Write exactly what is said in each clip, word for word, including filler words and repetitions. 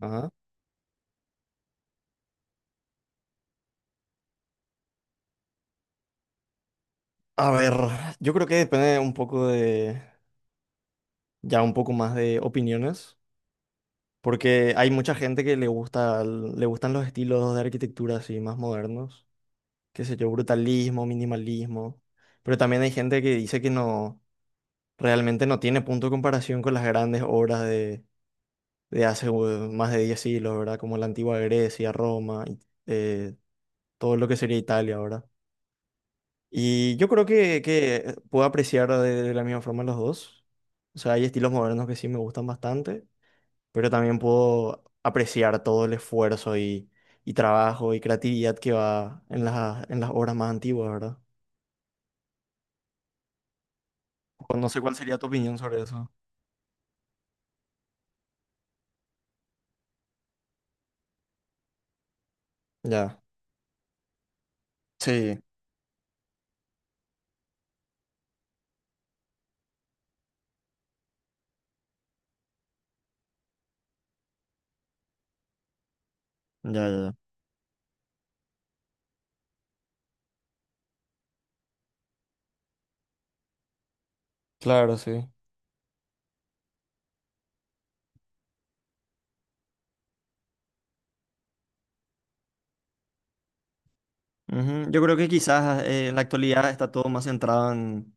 Ajá. A ver, yo creo que depende un poco de, ya un poco más de opiniones, porque hay mucha gente que le gusta, le gustan los estilos de arquitectura así más modernos, qué sé yo, brutalismo, minimalismo, pero también hay gente que dice que no, realmente no tiene punto de comparación con las grandes obras de, de hace eh, más de diez siglos, ¿verdad? Como la antigua Grecia, Roma, y, eh, todo lo que sería Italia, ¿verdad? Y yo creo que, que puedo apreciar de, de la misma forma los dos. O sea, hay estilos modernos que sí me gustan bastante, pero también puedo apreciar todo el esfuerzo y, y trabajo y creatividad que va en las, en las obras más antiguas, ¿verdad? O no sé cuál sería tu opinión sobre eso. Ya. Sí, ya, ya, ya. Claro, sí. Ujú. Yo creo que quizás eh, en la actualidad está todo más centrado en,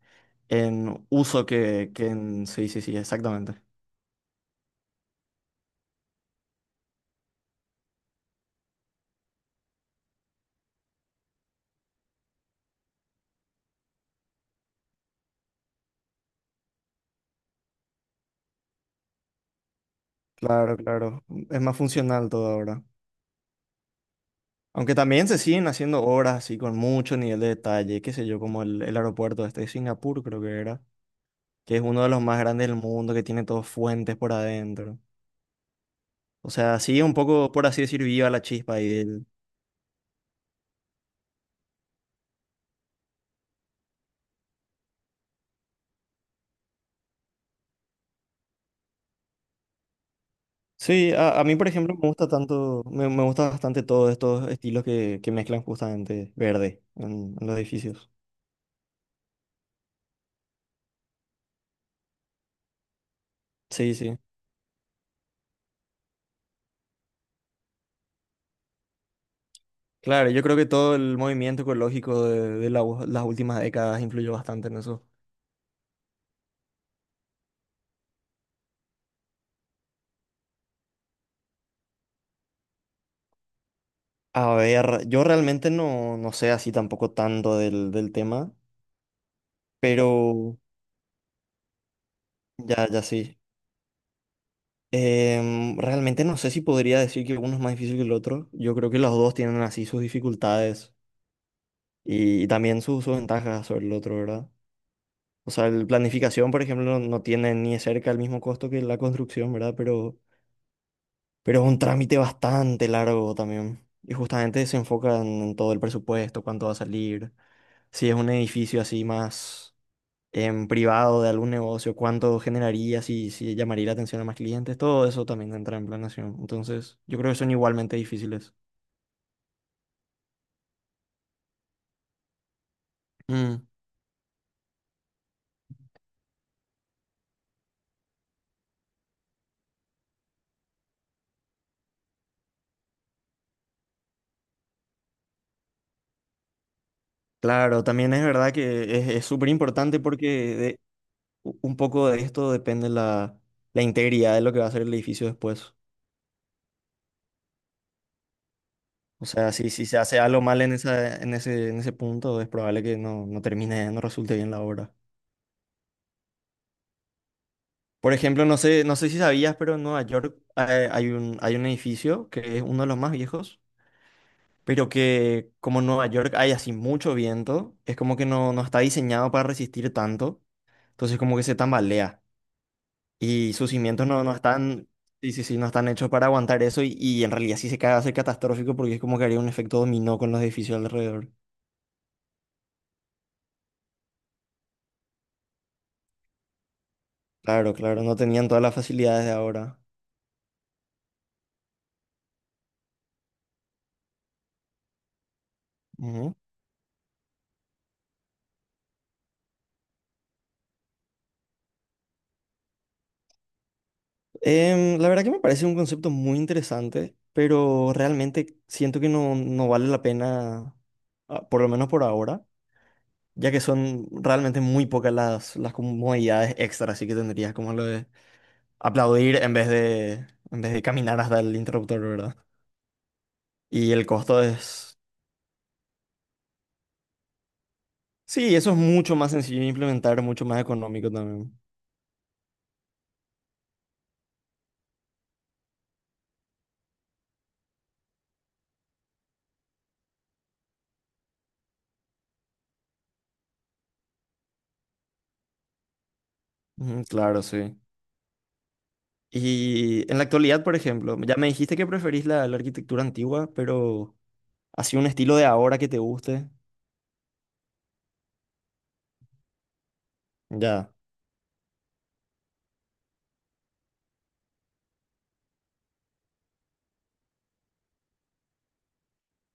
en uso que, que en... Sí, sí, sí, exactamente. Claro, claro. Es más funcional todo ahora. Aunque también se siguen haciendo obras así con mucho nivel de detalle, qué sé yo, como el, el aeropuerto este de Singapur, creo que era, que es uno de los más grandes del mundo, que tiene todos fuentes por adentro. O sea, sigue un poco, por así decir, viva la chispa ahí del... Sí, a, a mí, por ejemplo, me gusta tanto, me, me gusta bastante todos estos estilos que, que mezclan justamente verde en, en los edificios. Sí, sí. Claro, yo creo que todo el movimiento ecológico de, de la u- las últimas décadas influyó bastante en eso. A ver, yo realmente no, no sé así tampoco tanto del, del tema, pero ya, ya sí. Em, realmente no sé si podría decir que uno es más difícil que el otro. Yo creo que los dos tienen así sus dificultades y, y también sus, sus ventajas sobre el otro, ¿verdad? O sea, la planificación, por ejemplo, no tiene ni de cerca el mismo costo que la construcción, ¿verdad? Pero, pero es un trámite bastante largo también. Y justamente se enfoca en en todo el presupuesto, cuánto va a salir, si es un edificio así más en privado de algún negocio, cuánto generaría, si, si llamaría la atención a más clientes, todo eso también entra en planeación. Entonces, yo creo que son igualmente difíciles. Mm. Claro, también es verdad que es, es súper importante porque de- u- un poco de esto depende la, la integridad de lo que va a ser el edificio después. O sea, si, si se hace algo mal en esa, en ese, en ese punto, es probable que no, no termine, no resulte bien la obra. Por ejemplo, no sé, no sé si sabías, pero en Nueva York eh, hay un, hay un edificio que es uno de los más viejos, pero que como en Nueva York hay así mucho viento, es como que no, no está diseñado para resistir tanto, entonces como que se tambalea y sus cimientos no, no están, sí, sí, sí, no están hechos para aguantar eso y, y en realidad sí se cae va a ser catastrófico porque es como que haría un efecto dominó con los edificios alrededor. Claro, claro, no tenían todas las facilidades de ahora. Ujú. Em, la verdad que me parece un concepto muy interesante, pero realmente siento que no, no vale la pena, ah, por lo menos por ahora, ya que son realmente muy pocas las, las comodidades extras, así que tendrías como lo de aplaudir en vez de, en vez de caminar hasta el interruptor, ¿verdad? Y el costo es... Sí, eso es mucho más sencillo de implementar, mucho más económico también. Ujú, claro, sí. Y en la actualidad, por ejemplo, ya me dijiste que preferís la, la arquitectura antigua, pero así un estilo de ahora que te guste. Ya,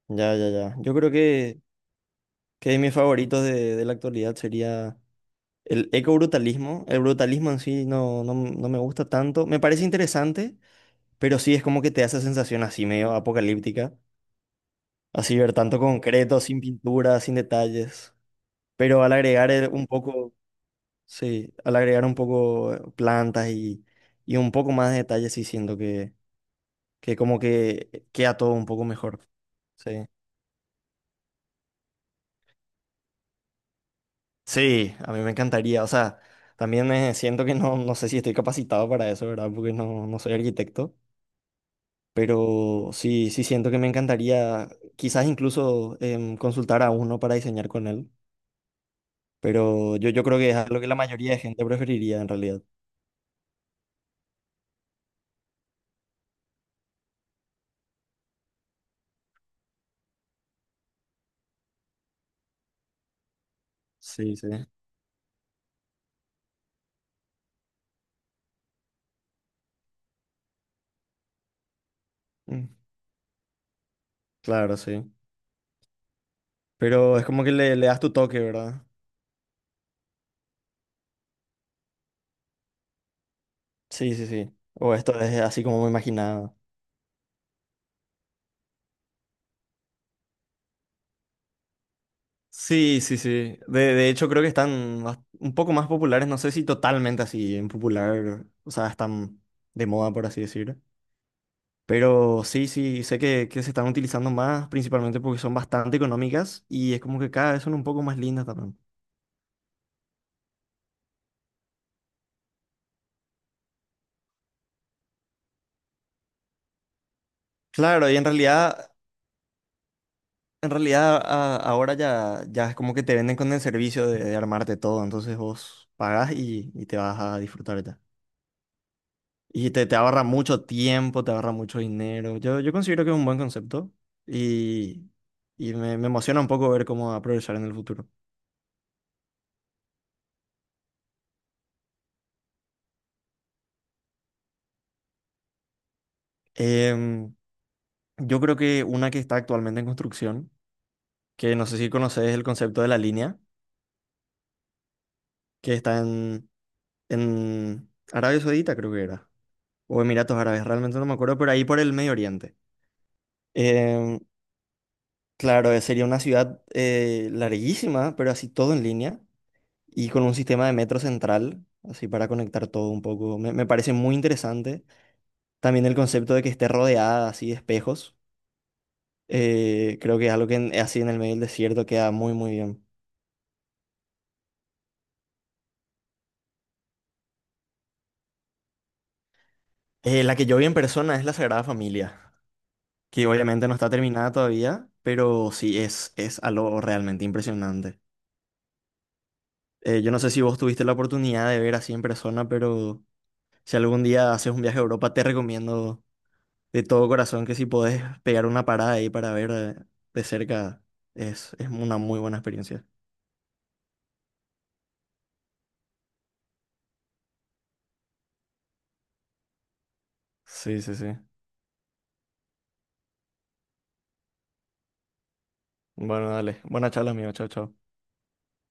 ya, ya, ya. Yo creo que, que mis favoritos de, de la actualidad sería... El ecobrutalismo, el brutalismo en sí no, no, no me gusta tanto. Me parece interesante, pero sí es como que te hace sensación así medio apocalíptica. Así ver tanto concreto, sin pintura, sin detalles. Pero al agregar el- un poco, sí, al agregar un poco eh, plantas y, y un poco más de detalles, sí siento que, que como que queda todo un poco mejor. Sí. Sí, a mí me encantaría. O sea, también eh, siento que no, no sé si estoy capacitado para eso, ¿verdad? Porque no, no soy arquitecto. Pero sí, sí siento que me encantaría quizás incluso em, consultar a uno para diseñar con él. Pero yo, yo creo que es algo que la mayoría de gente preferiría en realidad. Sí, sí. Mm. Claro, sí. Pero es como que le, le das tu toque, ¿verdad? Sí, sí, sí. O esto es así como me imaginaba. Sí, sí, sí. De, de hecho, creo que están bas- un poco más populares. No sé si totalmente así en popular. O sea, están de moda, por así decir. Pero sí, sí, sé que, que se están utilizando más, principalmente porque son bastante económicas y es como que cada vez son un poco más lindas también. Claro, y en realidad, en realidad a- ahora ya, ya es como que te venden con el servicio de, de armarte todo, entonces vos pagás y, y te vas a disfrutar ya. Y te, te ahorra mucho tiempo, te ahorra mucho dinero. Yo, yo considero que es un buen concepto y, y me, me emociona un poco ver cómo va a progresar en el futuro. Em, yo creo que una que está actualmente en construcción, que no sé si conoces el concepto de la línea, que está en, en Arabia Saudita, creo que era, o Emiratos Árabes, realmente no me acuerdo, pero ahí por el Medio Oriente. Em, claro, eh, sería una ciudad eh, larguísima, pero así todo en línea, y con un sistema de metro central, así para conectar todo un poco. Me, me parece muy interesante. También el concepto de que esté rodeada así de espejos, eh, creo que es algo que en- así en el medio del desierto queda muy, muy bien. Eh, la que yo vi en persona es la Sagrada Familia, que obviamente no está terminada todavía, pero sí es, es algo realmente impresionante. Eh, yo no sé si vos tuviste la oportunidad de ver así en persona, pero si algún día haces un viaje a Europa, te recomiendo de todo corazón que si podés pegar una parada ahí para ver eh, de cerca, es, es una muy buena experiencia. Sí, sí, sí. Bueno, dale. Buena charla, amigo. Chao, chao.